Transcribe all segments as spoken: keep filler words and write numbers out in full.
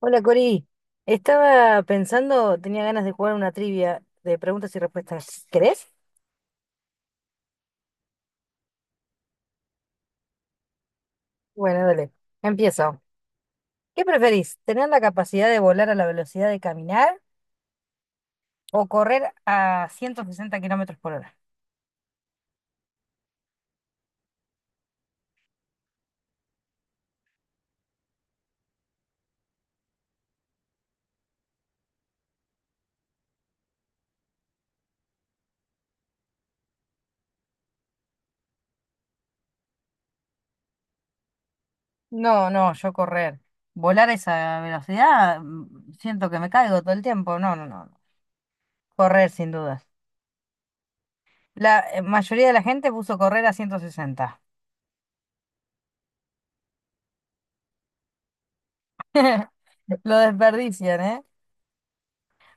Hola Cori, estaba pensando, tenía ganas de jugar una trivia de preguntas y respuestas. ¿Querés? Bueno, dale, empiezo. ¿Qué preferís? ¿Tener la capacidad de volar a la velocidad de caminar o correr a ciento sesenta kilómetros por hora? No, no, yo correr. Volar a esa velocidad, mm, siento que me caigo todo el tiempo. No, no, no. No. Correr, sin dudas. La eh, mayoría de la gente puso correr a ciento sesenta. Lo desperdician, ¿eh?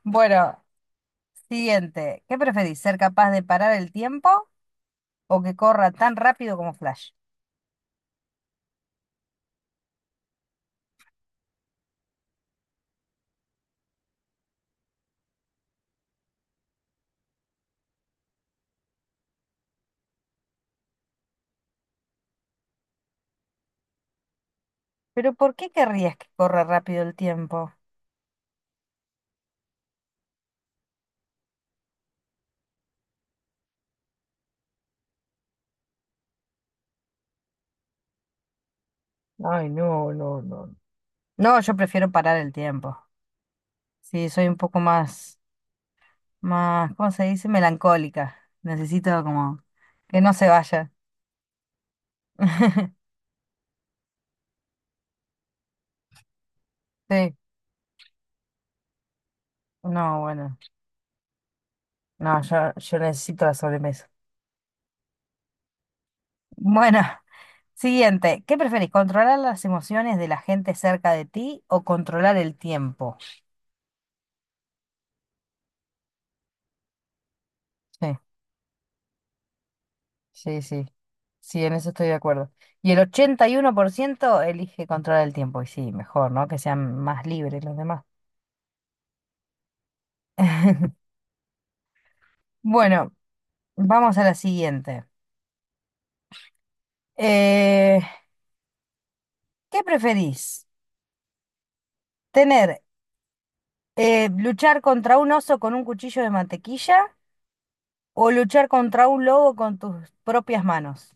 Bueno, siguiente, ¿qué preferís? ¿Ser capaz de parar el tiempo o que corra tan rápido como Flash? Pero ¿por qué querrías que corra rápido el tiempo? Ay, no, no, no. No, yo prefiero parar el tiempo. Sí, soy un poco más, más, ¿cómo se dice? Melancólica. Necesito como que no se vaya. Sí, no, bueno. No, yo, yo necesito la sobremesa. Bueno, siguiente, ¿qué preferís? ¿Controlar las emociones de la gente cerca de ti o controlar el tiempo? Sí. Sí, sí. Sí, en eso estoy de acuerdo. Y el ochenta y uno por ciento elige controlar el tiempo. Y sí, mejor, ¿no? Que sean más libres los demás. Bueno, vamos a la siguiente. Eh, ¿Qué preferís? ¿Tener, eh, luchar contra un oso con un cuchillo de mantequilla o luchar contra un lobo con tus propias manos?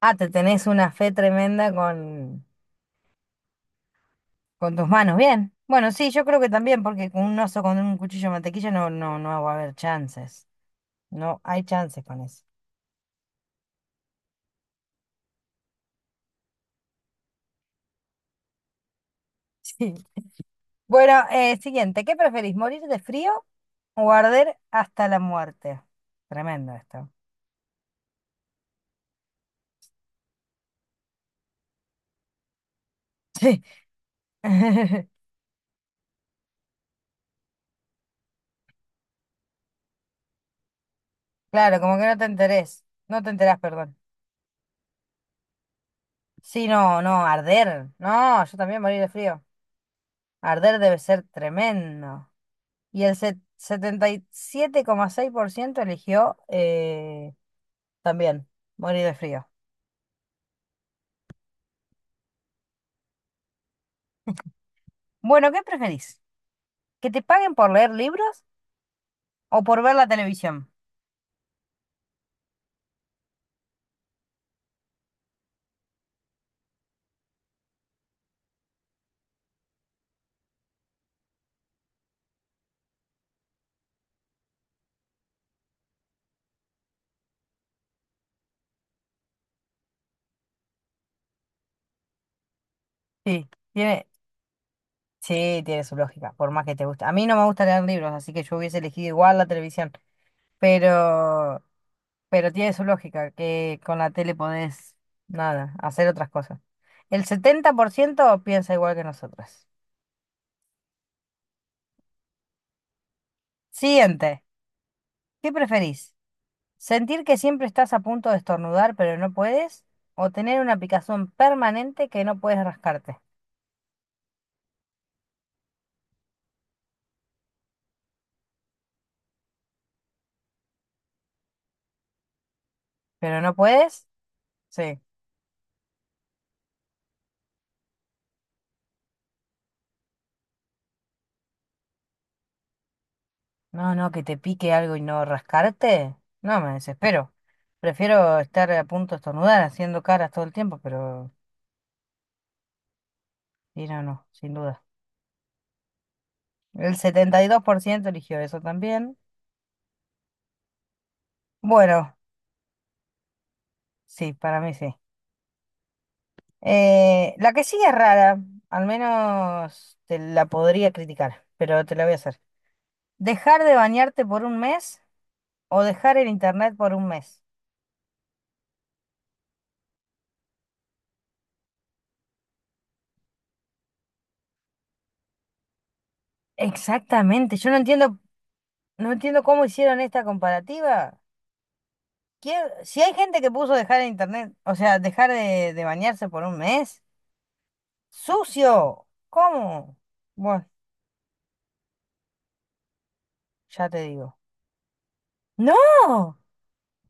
Ah, te tenés una fe tremenda con, con, tus manos. Bien. Bueno, sí, yo creo que también, porque con un oso con un cuchillo de mantequilla no, no, no va a haber chances. No hay chance con eso. Sí. Bueno, eh, siguiente. ¿Qué preferís, morir de frío o arder hasta la muerte? Tremendo esto. Sí. Claro, como que no te enterés. No te enterás, perdón. Sí, no, no, arder. No, yo también morir de frío. Arder debe ser tremendo. Y el se setenta y siete coma seis por ciento eligió eh, también morir de frío. Bueno, ¿qué preferís? ¿Que te paguen por leer libros o por ver la televisión? Sí. tiene, Sí, tiene su lógica, por más que te guste. A mí no me gusta leer libros, así que yo hubiese elegido igual la televisión, pero, pero tiene su lógica, que con la tele podés, nada, hacer otras cosas. El setenta por ciento piensa igual que nosotras. Siguiente, ¿qué preferís? ¿Sentir que siempre estás a punto de estornudar pero no puedes? ¿O tener una picazón permanente que no puedes rascarte? ¿Pero no puedes? Sí. No, no, que te pique algo y no rascarte. No, me desespero. Prefiero estar a punto de estornudar haciendo caras todo el tiempo, pero sí, no, no, sin duda. El setenta y dos por ciento eligió eso también. Bueno, sí, para mí sí. Eh, la que sigue es rara, al menos te la podría criticar, pero te la voy a hacer. ¿Dejar de bañarte por un mes o dejar el internet por un mes? Exactamente, yo no entiendo, no entiendo cómo hicieron esta comparativa. Quiero- si hay gente que puso dejar el internet, o sea, dejar de, de bañarse por un mes, sucio, ¿cómo? Bueno, ya te digo. No,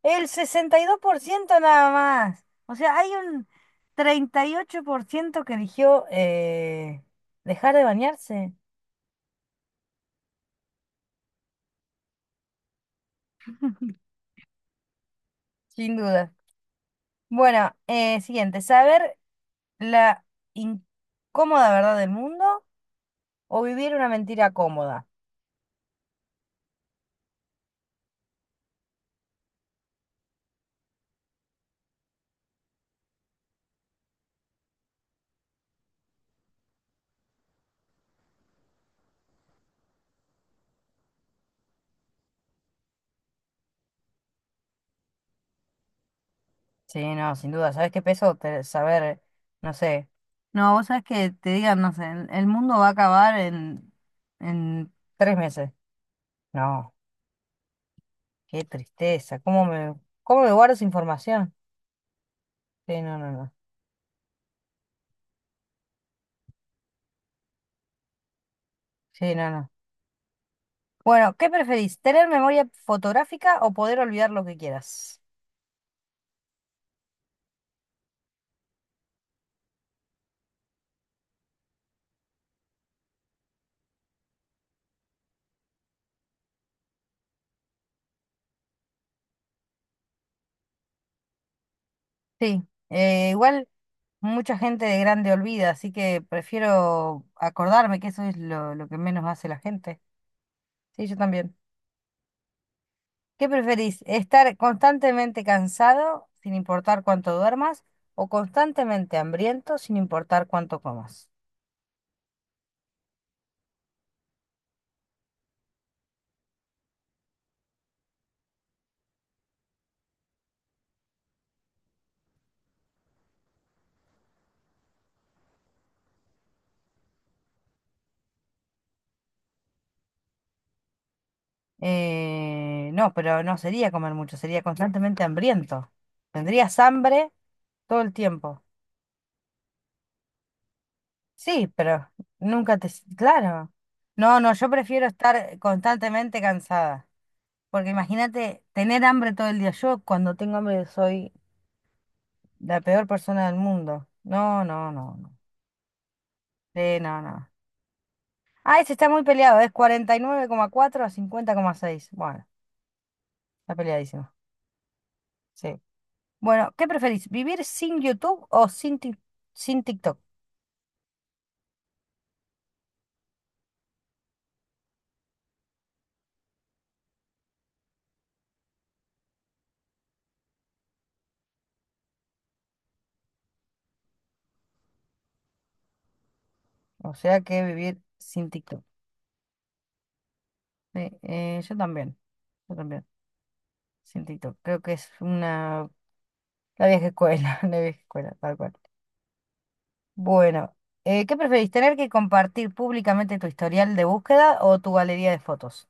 el sesenta y dos por ciento nada más. O sea, hay un treinta y ocho por ciento que eligió eh, dejar de bañarse, sin duda. Bueno, eh, siguiente, saber la incómoda verdad del mundo o vivir una mentira cómoda. Sí, no, sin duda. ¿Sabes qué peso? Te- saber, no sé. No, vos sabés que te digan, no sé, el el mundo va a acabar en, en tres meses. No, qué tristeza. ¿Cómo me, cómo me guardo esa información? Sí, no, no, no. Sí, no, no. Bueno, ¿qué preferís? ¿Tener memoria fotográfica o poder olvidar lo que quieras? Sí, eh, igual mucha gente de grande olvida, así que prefiero acordarme que eso es lo, lo que menos hace la gente. Sí, yo también. ¿Qué preferís? ¿Estar constantemente cansado sin importar cuánto duermas o constantemente hambriento sin importar cuánto comas? Eh, no, pero no sería comer mucho, sería constantemente hambriento. Tendrías hambre todo el tiempo. Sí, pero nunca te. Claro. No, no, yo prefiero estar constantemente cansada, porque imagínate tener hambre todo el día. Yo cuando tengo hambre soy la peor persona del mundo. No, no, no, no. Sí, no, no. Ah, ese está muy peleado, es cuarenta y nueve coma cuatro a cincuenta coma seis. Bueno, está peleadísimo. Sí. Bueno, ¿qué preferís? ¿Vivir sin YouTube o sin, Tik- sin TikTok? O sea que vivir sin TikTok. Sí, eh, yo también, yo también, sin TikTok. Creo que es una. La vieja escuela, la vieja escuela, tal cual. Bueno, eh, ¿qué preferís? ¿Tener que compartir públicamente tu historial de búsqueda o tu galería de fotos?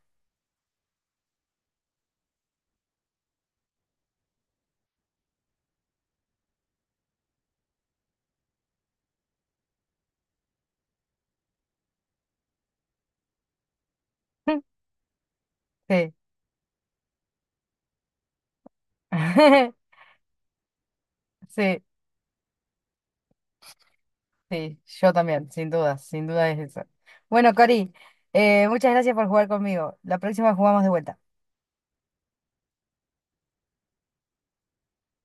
Sí. Sí. Sí, yo también, sin duda, sin duda es eso. Bueno, Cori, eh, muchas gracias por jugar conmigo. La próxima jugamos de vuelta.